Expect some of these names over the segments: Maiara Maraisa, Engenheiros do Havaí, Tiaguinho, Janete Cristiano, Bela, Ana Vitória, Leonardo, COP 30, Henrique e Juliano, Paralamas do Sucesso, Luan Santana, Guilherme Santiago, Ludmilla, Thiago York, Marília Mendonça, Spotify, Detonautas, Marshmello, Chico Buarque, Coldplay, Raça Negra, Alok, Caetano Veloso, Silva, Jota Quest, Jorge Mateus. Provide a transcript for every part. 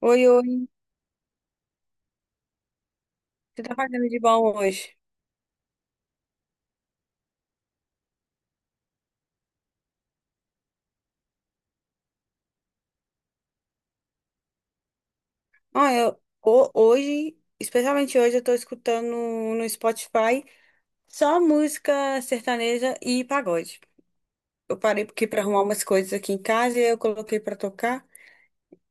Oi, oi. Você tá fazendo de bom hoje? Hoje, especialmente hoje, eu tô escutando no Spotify só música sertaneja e pagode. Eu parei aqui pra arrumar umas coisas aqui em casa e eu coloquei pra tocar.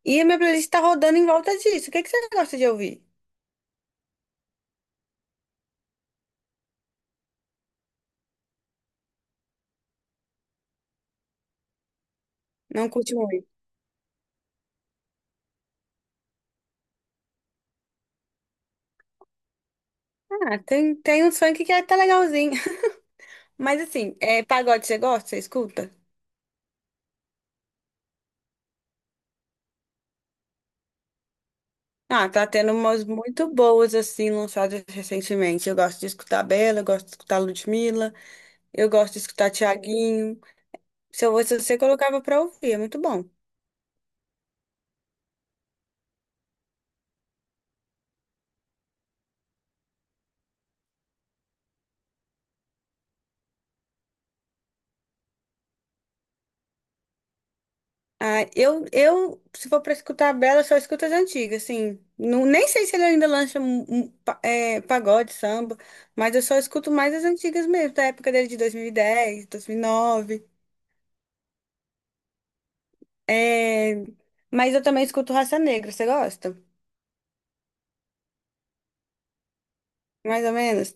E a minha playlist tá rodando em volta disso. O que que você gosta de ouvir? Não curte muito? Ah, tem uns funk que tá legalzinho. Mas assim, é, pagode você gosta? Você escuta? Ah, tá tendo umas muito boas, assim, lançadas recentemente. Eu gosto de escutar Bela, eu gosto de escutar Ludmilla. Eu gosto de escutar Tiaguinho. Se eu fosse você, colocava pra ouvir, é muito bom. Ah, se for pra escutar a Bela, só escuto as antigas, assim. Não, nem sei se ele ainda lança pagode, samba, mas eu só escuto mais as antigas mesmo, da época dele de 2010, 2009. É, mas eu também escuto Raça Negra, você gosta? Mais ou menos?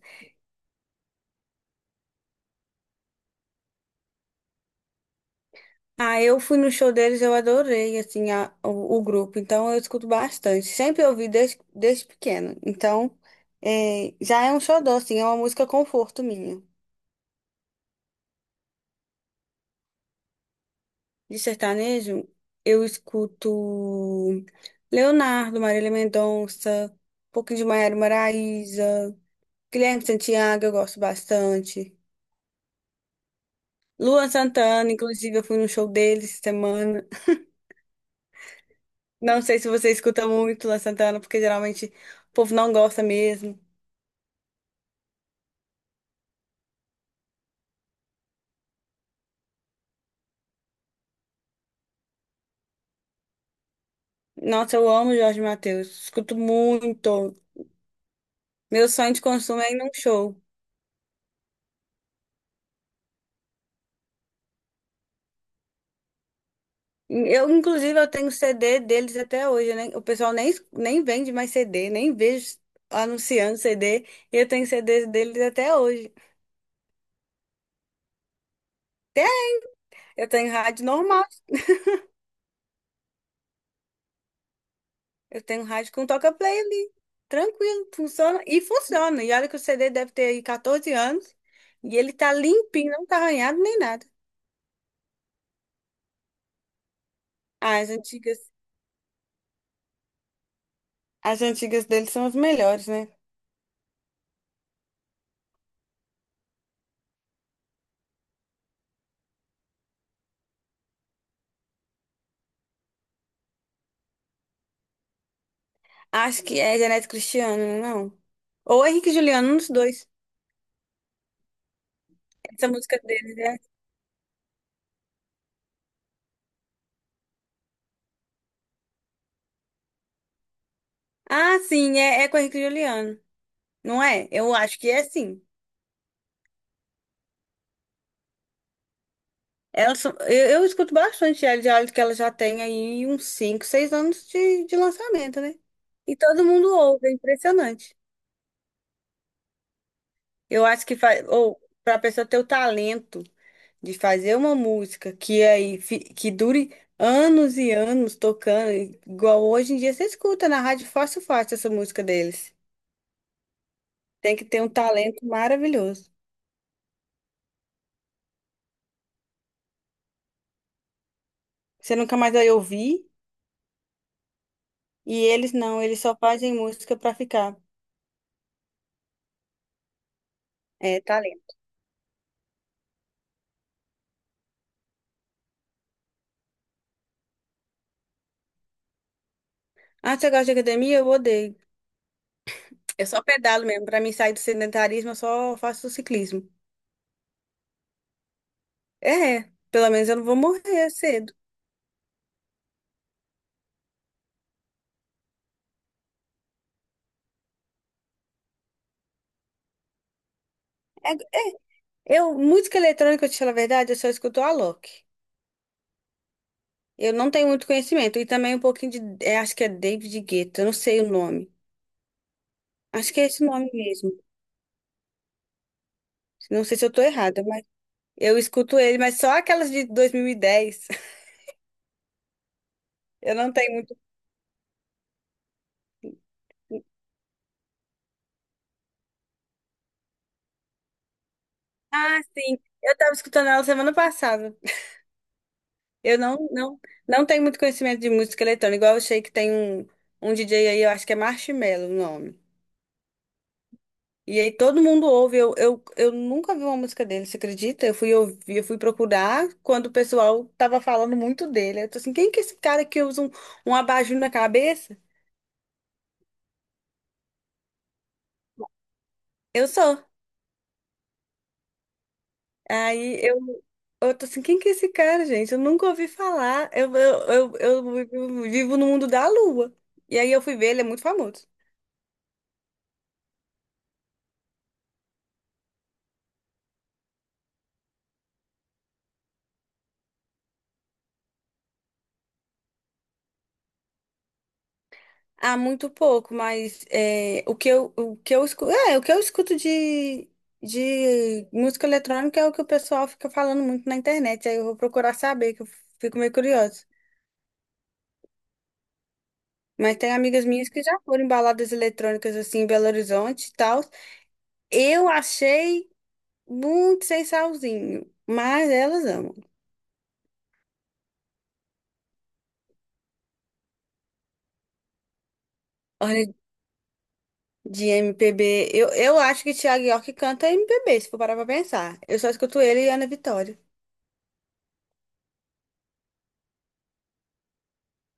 Ah, eu fui no show deles, eu adorei, assim, o grupo. Então, eu escuto bastante. Sempre ouvi desde pequena. Então, é, já é um xodó, assim, é uma música conforto minha. De sertanejo, eu escuto Leonardo, Marília Mendonça, um pouquinho de Maiara Maraisa, Guilherme Santiago, eu gosto bastante. Luan Santana, inclusive, eu fui no show deles essa semana. Não sei se você escuta muito Luan Santana, porque geralmente o povo não gosta mesmo. Nossa, eu amo Jorge Mateus. Escuto muito. Meu sonho de consumo é ir num show. Eu, inclusive, eu tenho CD deles até hoje, né? O pessoal nem vende mais CD, nem vejo anunciando CD. E eu tenho CDs deles até hoje. Até eu tenho rádio normal. Eu tenho rádio com toca-play ali. Tranquilo, funciona. E funciona. E olha que o CD deve ter aí 14 anos. E ele tá limpinho, não tá arranhado nem nada. Ah, as antigas deles são as melhores, né? Acho que é Janete Cristiano, não? Ou Henrique e Juliano, um dos dois. Essa música deles, né? Ah, sim, é com Henrique e Juliano. Não é? Eu acho que é sim. Eu escuto bastante ela, já olho que ela já tem aí uns 5, 6 anos de lançamento, né? E todo mundo ouve, é impressionante. Eu acho que faz, ou para a pessoa ter o talento de fazer uma música que que dure anos e anos tocando, igual hoje em dia você escuta na rádio fácil fácil essa música deles. Tem que ter um talento maravilhoso. Você nunca mais vai ouvir, e eles não, eles só fazem música pra ficar. É, talento. Ah, você gosta de academia? Eu odeio. Eu só pedalo mesmo. Pra mim sair do sedentarismo, eu só faço ciclismo. É, pelo menos eu não vou morrer cedo. É, é. Eu, música eletrônica, eu te falo a verdade, eu só escuto Alok. Eu não tenho muito conhecimento. E também um pouquinho de. É, acho que é David Guetta, eu não sei o nome. Acho que é esse nome mesmo. Não sei se eu tô errada, mas eu escuto ele, mas só aquelas de dois mil e dez. Eu não tenho muito. Ah, sim. Eu estava escutando ela semana passada. Eu não, não, não tenho muito conhecimento de música eletrônica. Igual eu sei que tem um DJ aí, eu acho que é Marshmello o nome. E aí todo mundo ouve. Eu nunca vi uma música dele, você acredita? Eu fui ouvir, eu fui procurar quando o pessoal tava falando muito dele. Eu tô assim, quem que é esse cara que usa um abajur na cabeça? Eu sou. Aí eu tô assim, quem que é esse cara, gente? Eu nunca ouvi falar. Eu vivo vivo no mundo da lua. E aí eu fui ver, ele é muito famoso. Ah, muito pouco, mas é, o que eu escuto, é, o que eu escuto de música eletrônica é o que o pessoal fica falando muito na internet. Aí eu vou procurar saber, que eu fico meio curiosa. Mas tem amigas minhas que já foram em baladas eletrônicas assim em Belo Horizonte e tal. Eu achei muito sem salzinho, mas elas amam. Olha, de MPB, eu acho que Thiago York canta MPB, se for parar pra pensar. Eu só escuto ele e Ana Vitória.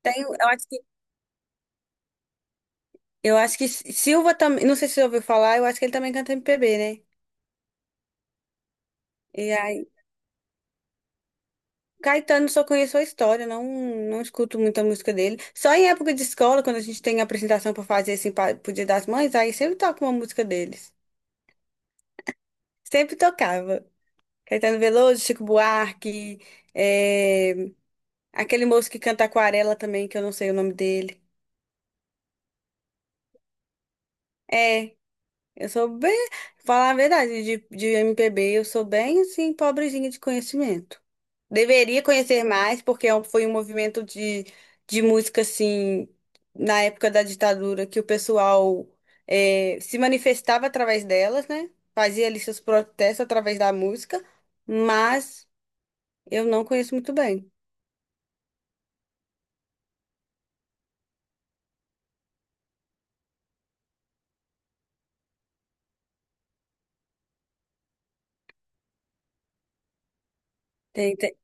Tem, eu acho que Silva também, não sei se você ouviu falar, eu acho que ele também canta MPB, né? E aí, Caetano só conheço a história, não escuto muita música dele. Só em época de escola, quando a gente tem apresentação pra fazer assim, pro Dia das Mães, aí sempre toca uma música deles. Sempre tocava. Caetano Veloso, Chico Buarque, é, aquele moço que canta Aquarela também, que eu não sei o nome dele. É, eu sou bem, falar a verdade, de MPB, eu sou bem assim, pobrezinha de conhecimento. Deveria conhecer mais, porque é um- foi um movimento de música assim, na época da ditadura, que o pessoal se manifestava através delas, né? Fazia ali seus protestos através da música, mas eu não conheço muito bem. Tem, tem,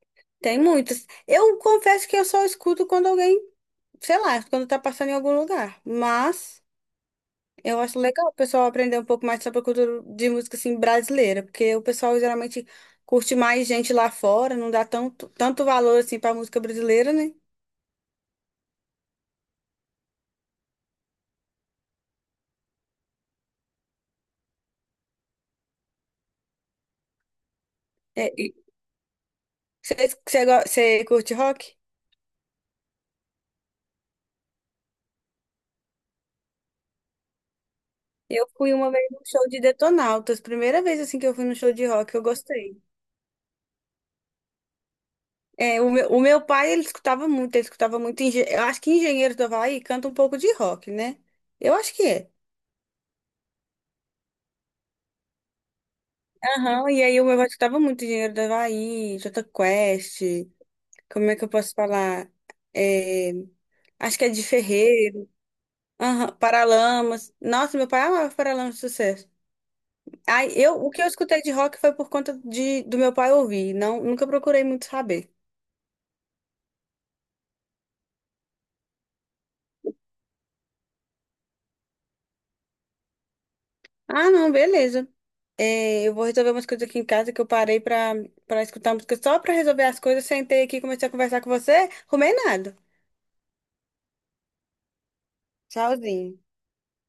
tem muitas. Eu confesso que eu só escuto quando alguém, sei lá, quando tá passando em algum lugar, mas. Eu acho legal o pessoal aprender um pouco mais sobre a cultura de música assim brasileira, porque o pessoal geralmente curte mais gente lá fora, não dá tanto, tanto valor assim para música brasileira, né? É, e você curte rock? Eu fui uma vez num show de Detonautas, primeira vez assim que eu fui num show de rock, eu gostei. É, o meu pai, ele escutava muito, eu acho que Engenheiros do Havaí canta um pouco de rock, né? Eu acho que é. Aham, e aí o meu pai escutava muito Engenheiros do Havaí, Jota Quest, como é que eu posso falar? É, acho que é de Ferreiro, aham, Paralamas. Nossa, meu pai amava Paralamas de Sucesso. Ai eu, o que eu escutei de rock foi por conta do meu pai ouvir, não, nunca procurei muito saber. Ah, não, beleza. É, eu vou resolver umas coisas aqui em casa que eu parei pra, pra escutar música só pra resolver as coisas. Sentei aqui, comecei a conversar com você, arrumei nada. Tchauzinho.